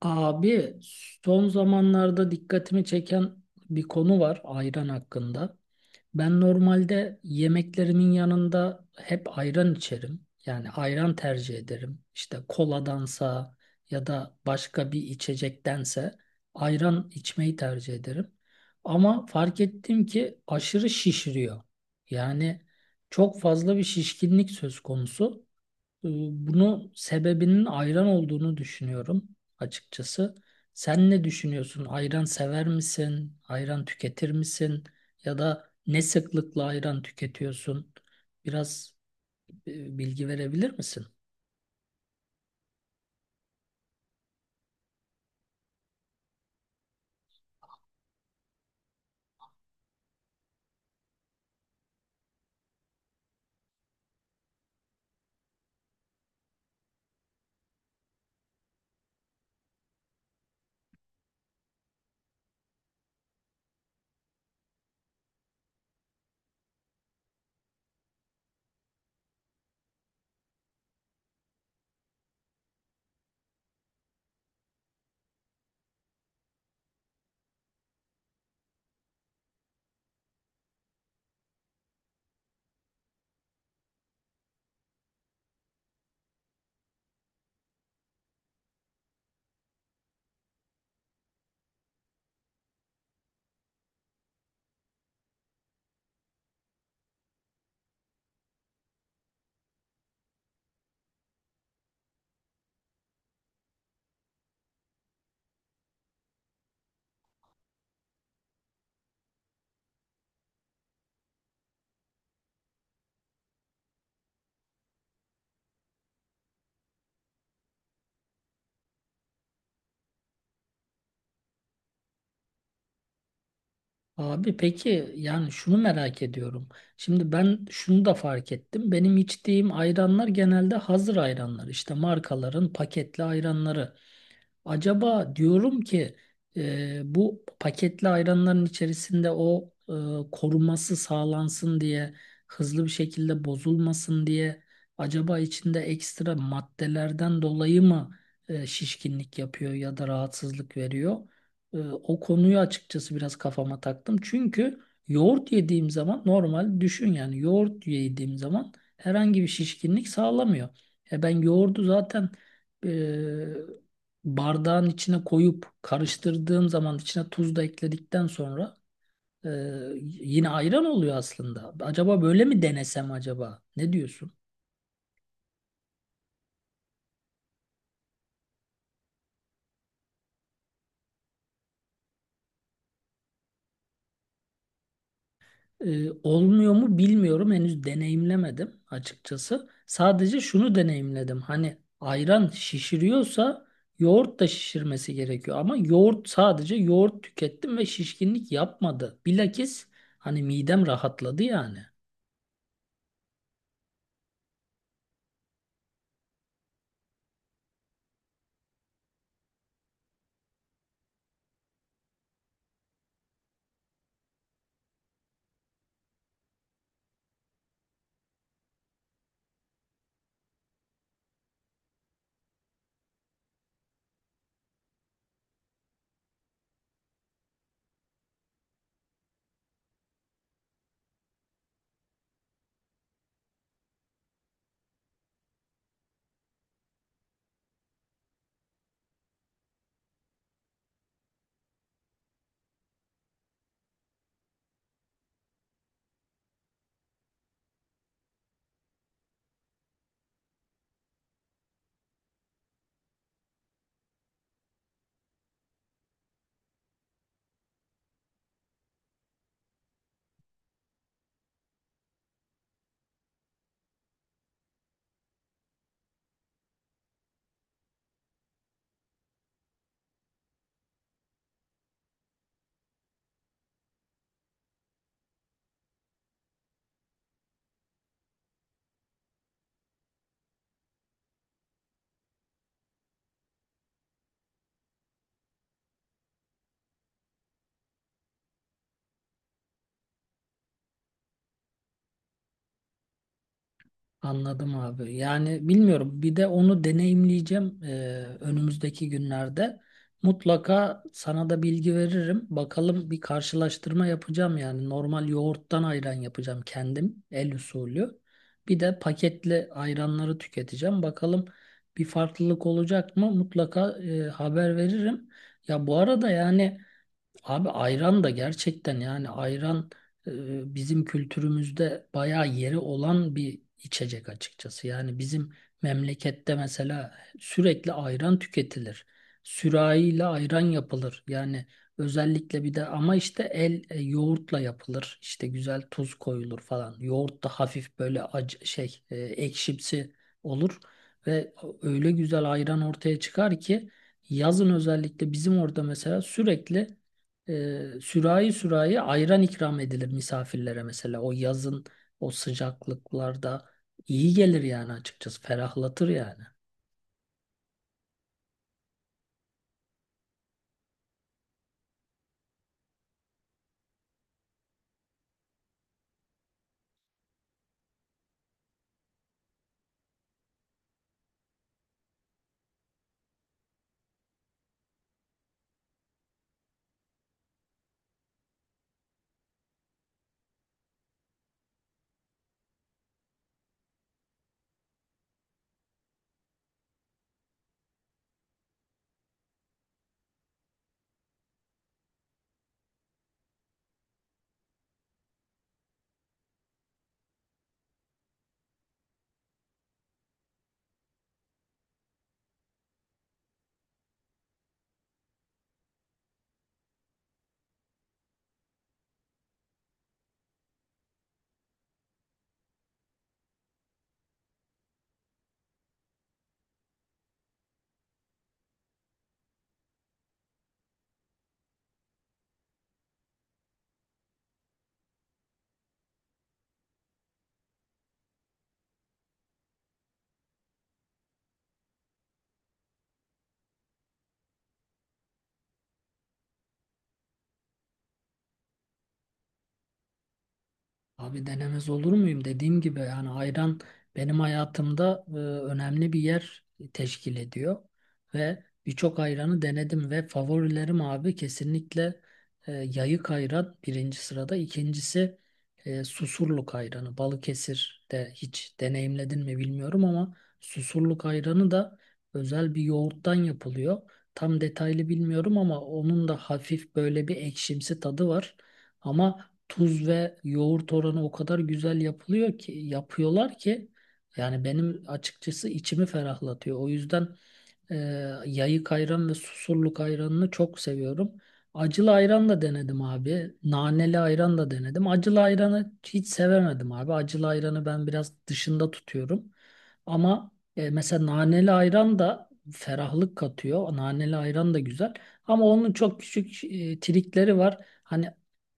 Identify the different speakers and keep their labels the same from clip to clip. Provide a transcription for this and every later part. Speaker 1: Abi, son zamanlarda dikkatimi çeken bir konu var ayran hakkında. Ben normalde yemeklerimin yanında hep ayran içerim. Yani ayran tercih ederim. İşte koladansa ya da başka bir içecektense ayran içmeyi tercih ederim. Ama fark ettim ki aşırı şişiriyor. Yani çok fazla bir şişkinlik söz konusu. Bunu sebebinin ayran olduğunu düşünüyorum açıkçası. Sen ne düşünüyorsun? Ayran sever misin? Ayran tüketir misin? Ya da ne sıklıkla ayran tüketiyorsun? Biraz bilgi verebilir misin? Abi peki, yani şunu merak ediyorum. Şimdi ben şunu da fark ettim. Benim içtiğim ayranlar genelde hazır ayranlar. İşte markaların paketli ayranları. Acaba diyorum ki bu paketli ayranların içerisinde o koruması sağlansın diye, hızlı bir şekilde bozulmasın diye, acaba içinde ekstra maddelerden dolayı mı şişkinlik yapıyor ya da rahatsızlık veriyor? O konuyu açıkçası biraz kafama taktım. Çünkü yoğurt yediğim zaman, normal düşün, yani yoğurt yediğim zaman herhangi bir şişkinlik sağlamıyor. E ben yoğurdu zaten e, bardağın içine koyup karıştırdığım zaman, içine tuz da ekledikten sonra, e, yine ayran oluyor aslında. Acaba böyle mi denesem acaba? Ne diyorsun? Olmuyor mu bilmiyorum. Henüz deneyimlemedim açıkçası. Sadece şunu deneyimledim. Hani ayran şişiriyorsa yoğurt da şişirmesi gerekiyor. Ama yoğurt, sadece yoğurt tükettim ve şişkinlik yapmadı. Bilakis, hani midem rahatladı yani. Anladım abi. Yani bilmiyorum. Bir de onu deneyimleyeceğim önümüzdeki günlerde. Mutlaka sana da bilgi veririm. Bakalım, bir karşılaştırma yapacağım yani. Normal yoğurttan ayran yapacağım kendim, el usulü. Bir de paketli ayranları tüketeceğim. Bakalım bir farklılık olacak mı? Mutlaka haber veririm. Ya bu arada yani. Abi ayran da gerçekten, yani ayran bizim kültürümüzde bayağı yeri olan bir içecek açıkçası. Yani bizim memlekette mesela sürekli ayran tüketilir. Sürahiyle ayran yapılır. Yani özellikle, bir de ama işte el yoğurtla yapılır. İşte güzel tuz koyulur falan. Yoğurt da hafif böyle acı şey ekşimsi olur ve öyle güzel ayran ortaya çıkar ki yazın özellikle bizim orada mesela sürekli sürahi sürahi ayran ikram edilir misafirlere mesela. O yazın, o sıcaklıklarda iyi gelir yani açıkçası. Ferahlatır yani. Abi denemez olur muyum? Dediğim gibi yani ayran benim hayatımda önemli bir yer teşkil ediyor ve birçok ayranı denedim ve favorilerim abi kesinlikle yayık ayran birinci sırada, ikincisi Susurluk ayranı. Balıkesir'de hiç deneyimledin mi bilmiyorum ama Susurluk ayranı da özel bir yoğurttan yapılıyor. Tam detaylı bilmiyorum ama onun da hafif böyle bir ekşimsi tadı var. Ama tuz ve yoğurt oranı o kadar güzel yapılıyor ki, yapıyorlar ki, yani benim açıkçası içimi ferahlatıyor. O yüzden e, yayık ayran ve Susurluk ayranını çok seviyorum. Acılı ayran da denedim abi. Naneli ayran da denedim. Acılı ayranı hiç sevemedim abi. Acılı ayranı ben biraz dışında tutuyorum. Ama mesela naneli ayran da ferahlık katıyor. Naneli ayran da güzel. Ama onun çok küçük trikleri var. Hani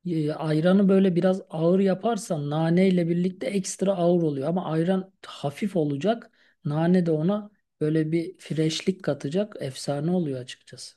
Speaker 1: ayranı böyle biraz ağır yaparsan, nane ile birlikte ekstra ağır oluyor, ama ayran hafif olacak. Nane de ona böyle bir freşlik katacak. Efsane oluyor açıkçası.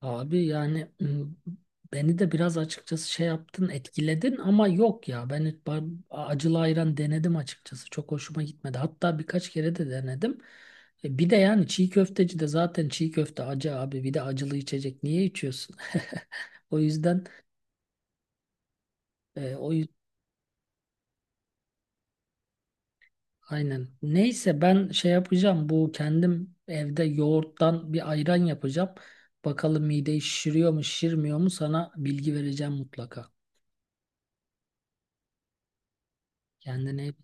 Speaker 1: Abi yani beni de biraz açıkçası şey yaptın, etkiledin, ama yok ya. Ben hiç acılı ayran denedim açıkçası. Çok hoşuma gitmedi. Hatta birkaç kere de denedim. Bir de yani çiğ köfteci de zaten çiğ köfte acı abi. Bir de acılı içecek. Niye içiyorsun? O yüzden e, o Aynen. Neyse, ben şey yapacağım. Bu, kendim evde yoğurttan bir ayran yapacağım. Bakalım mideyi şişiriyor mu, şişirmiyor mu, sana bilgi vereceğim mutlaka. Kendine